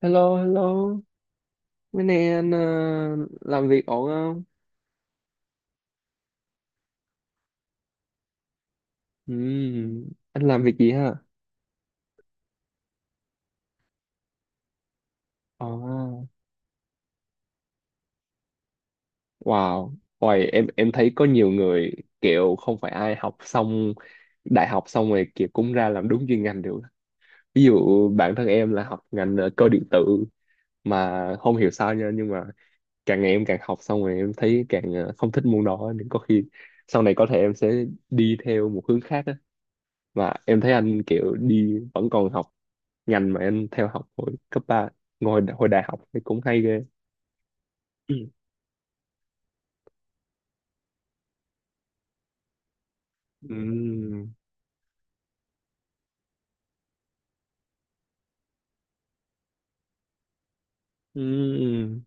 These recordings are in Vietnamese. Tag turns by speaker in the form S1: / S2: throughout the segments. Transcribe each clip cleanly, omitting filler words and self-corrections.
S1: Hello, hello. Mấy nay anh làm việc ổn không? Anh làm việc gì ha? Ồ, wow. Ôi, em thấy có nhiều người kiểu không phải ai học xong đại học xong rồi kiểu cũng ra làm đúng chuyên ngành được. Ví dụ bản thân em là học ngành cơ điện tử mà không hiểu sao nha nhưng mà càng ngày em càng học xong rồi em thấy càng không thích môn đó nên có khi sau này có thể em sẽ đi theo một hướng khác á. Mà em thấy anh kiểu đi vẫn còn học ngành mà em theo học hồi cấp 3, ngồi hồi đại học thì cũng hay ghê. Ừm, ừm.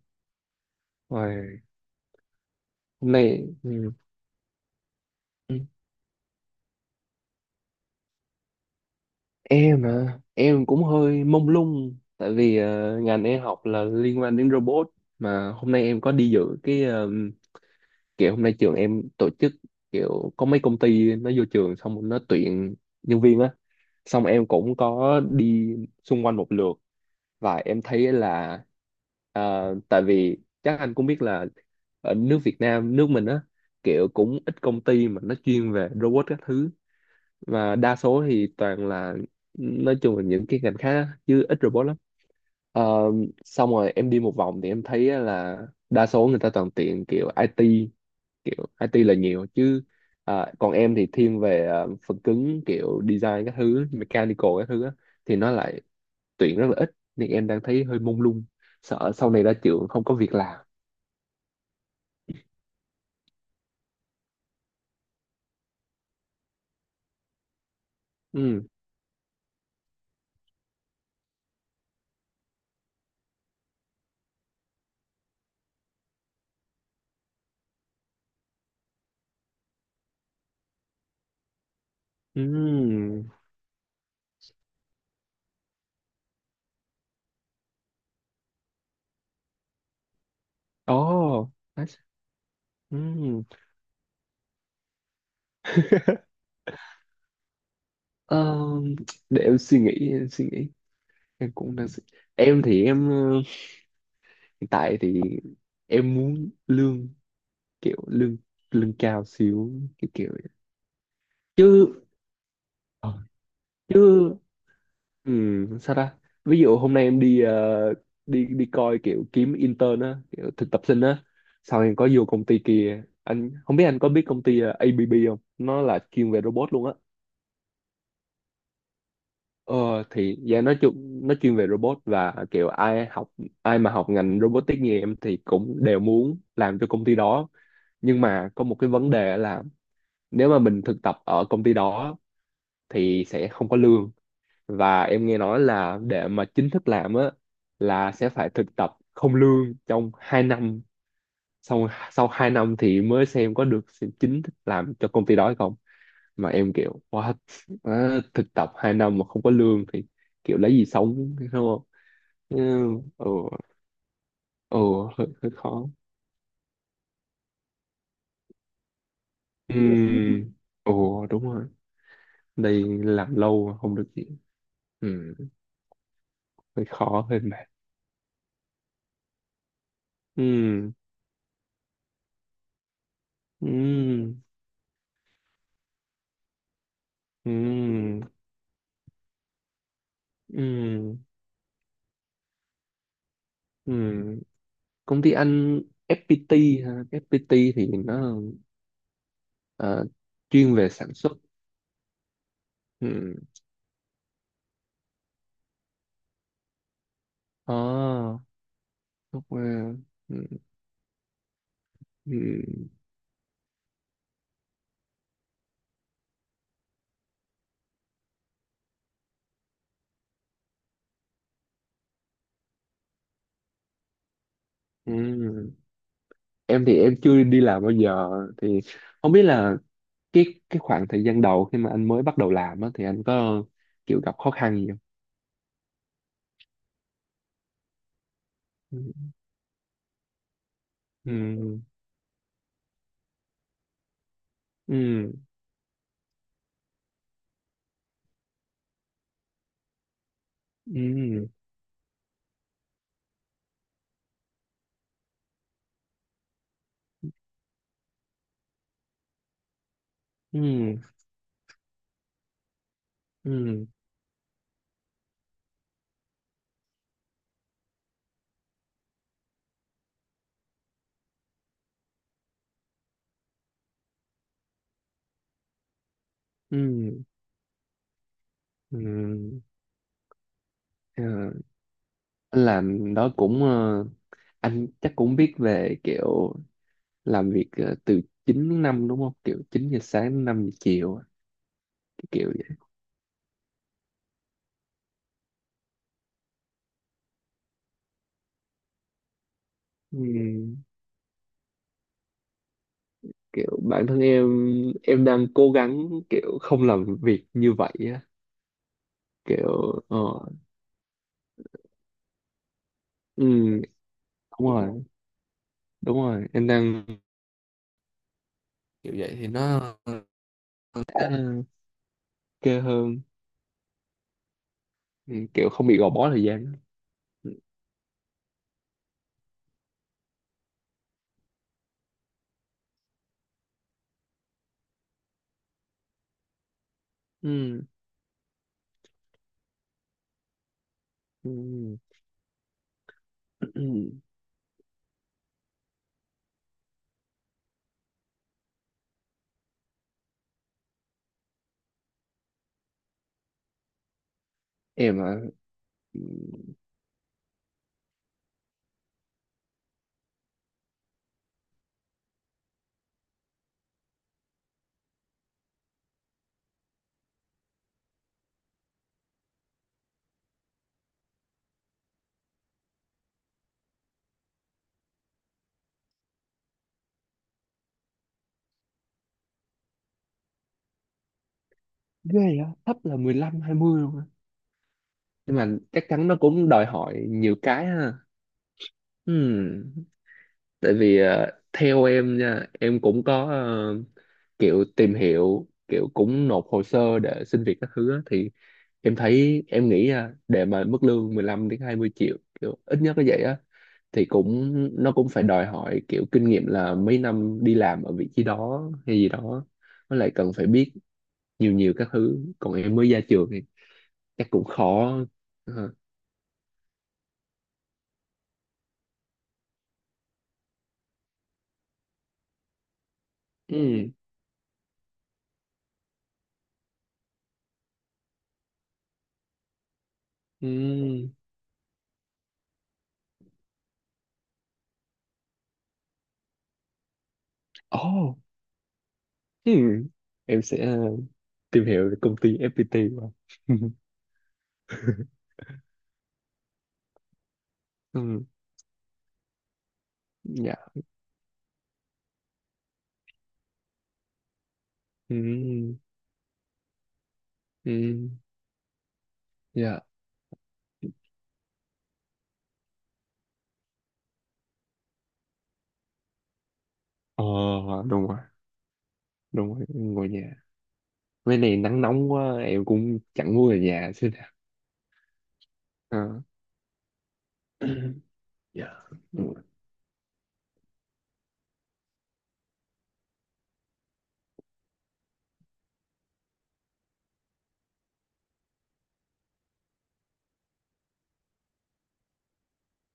S1: Ôi, hôm nay ừm. em à, em cũng hơi mông lung tại vì ngành em học là liên quan đến robot mà hôm nay em có đi dự cái kiểu hôm nay trường em tổ chức kiểu có mấy công ty nó vô trường xong nó tuyển nhân viên á, xong em cũng có đi xung quanh một lượt và em thấy là tại vì chắc anh cũng biết là ở nước Việt Nam nước mình á, kiểu cũng ít công ty mà nó chuyên về robot các thứ, và đa số thì toàn là nói chung là những cái ngành khác á, chứ ít robot lắm. Ờ, xong rồi em đi một vòng thì em thấy á là đa số người ta toàn tiện kiểu IT, kiểu IT là nhiều chứ à, còn em thì thiên về phần cứng kiểu design các thứ mechanical các thứ á, thì nó lại tuyển rất là ít nên em đang thấy hơi mông lung, sợ sau này ra trường không có việc làm. Ừ, ừ, oh that's... ừ. Ờm, để em suy nghĩ, em cũng đang suy... Em thì em hiện tại thì em muốn lương, kiểu lương lương cao xíu, cái kiểu vậy. Chứ ờ, chứ Ừ, sao ta? Ví dụ hôm nay em đi đi đi coi kiểu kiếm intern á, kiểu thực tập sinh á, sau em có vô công ty kia, anh không biết anh có biết công ty ABB không? Nó là chuyên về robot luôn á. Ờ, thì dạ nói chung nó chuyên về robot và kiểu ai mà học ngành robotics như em thì cũng đều muốn làm cho công ty đó. Nhưng mà có một cái vấn đề là nếu mà mình thực tập ở công ty đó thì sẽ không có lương, và em nghe nói là để mà chính thức làm á là sẽ phải thực tập không lương trong 2 năm, xong sau 2 năm thì mới xem có được chính thức làm cho công ty đó hay không. Mà em kiểu what, á, thực tập 2 năm mà không có lương thì kiểu lấy gì sống đúng không. Ừ, ừ, ừ, hơi, hơi khó. Ừ, ừ, đúng rồi, đây làm lâu mà không được gì. Ừ, hơi khó hơi mệt. Ừ, ừ, ừ, ừ, ừ. Công ty anh FPT ha. FPT thì nó ờ, chuyên về sản xuất. Ừ. À, software. Ừ. Ừ. Ừ. Em thì em chưa đi làm bao giờ thì không biết là cái cái khoảng thời gian đầu khi mà anh mới bắt đầu làm á, thì anh có kiểu gặp khó khăn gì không? Ừ. Ừ. Ừ. Ừ. Ừ. Ừ. Ừ. Ừ. Ờ, anh làm đó cũng anh chắc cũng biết về kiểu làm việc từ 9 đến 5 đúng không? Kiểu 9 giờ sáng đến 5 giờ chiều, cái kiểu vậy. Ừm, kiểu bản thân em đang cố gắng kiểu không làm việc như vậy á, kiểu ờ ừm, đúng rồi, đúng rồi, em đang kiểu vậy thì nó ờ, ok hơn. Kiểu không bị gò bó thời gian. Ừm, ừm. Em à, ghê á, thấp là mười lăm hai mươi luôn á. Nhưng mà chắc chắn nó cũng đòi hỏi nhiều cái ha. Ừm, Tại vì theo em nha, em cũng có kiểu tìm hiểu, kiểu cũng nộp hồ sơ để xin việc các thứ á, thì em thấy em nghĩ nha, để mà mức lương 15 đến 20 triệu kiểu ít nhất là vậy á thì cũng nó cũng phải đòi hỏi kiểu kinh nghiệm là mấy năm đi làm ở vị trí đó hay gì đó. Với lại cần phải biết nhiều nhiều các thứ, còn em mới ra trường thì chắc cũng khó. Ừ. Ừ. Ừ. Ồ. Ừ. Em sẽ tìm hiểu về công ty FPT của ông. Ừ, dạ, ừ, ừ, dạ, ờ đúng rồi, đúng rồi, ngồi nhà mấy này nắng nóng quá em cũng chẳng muốn về nhà xíu nào. Ờ, dạ đúng rồi.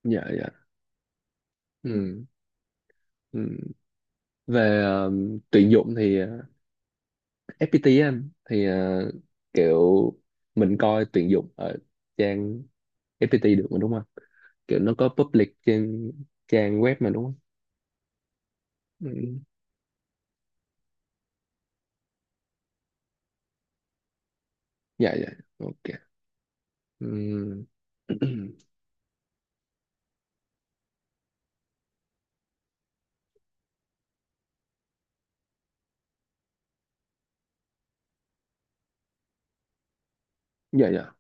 S1: Dạ dạ, ừ, ừ. Về tuyển dụng thì FPT á, anh thì kiểu mình coi tuyển dụng ở trang FPT được mà đúng không, kiểu nó có public trên trang web mà đúng không. Ừ. Dạ dạ, ok. Ừm. Dạ dạ,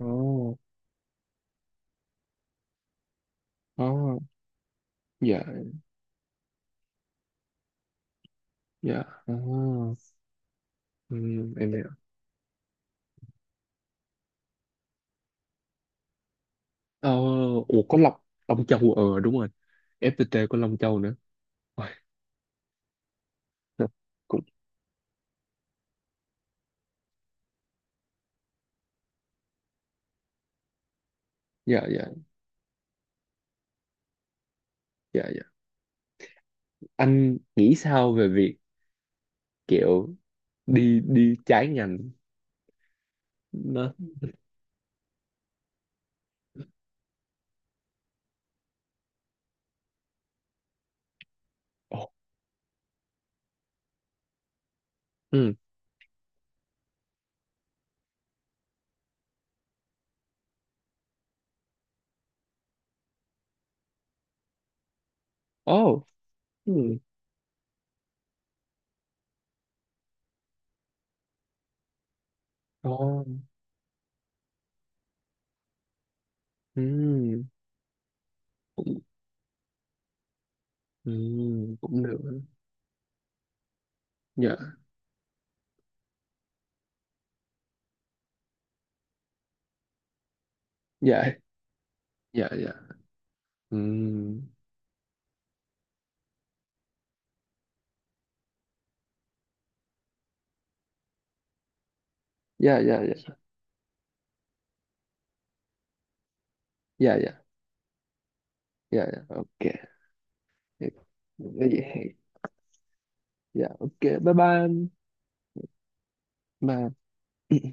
S1: oh, oh, dạ dạ, oh. Em hiểu. Oh, ủa có Long, Long Châu đúng rồi, FPT có Long Châu nữa. Ôi. Cũng dạ dạ dạ, dạ anh nghĩ sao về việc kiểu đi đi trái ngành nó, ồ, ừ, ồ, ừ, ồ, ừ, cũng, ừ, cũng được. Dạ dạ dạ dạ, ừ, dạ dạ dạ dạ, dạ dạ dạ, ok vậy. Dạ ok, bye bye anh. Mà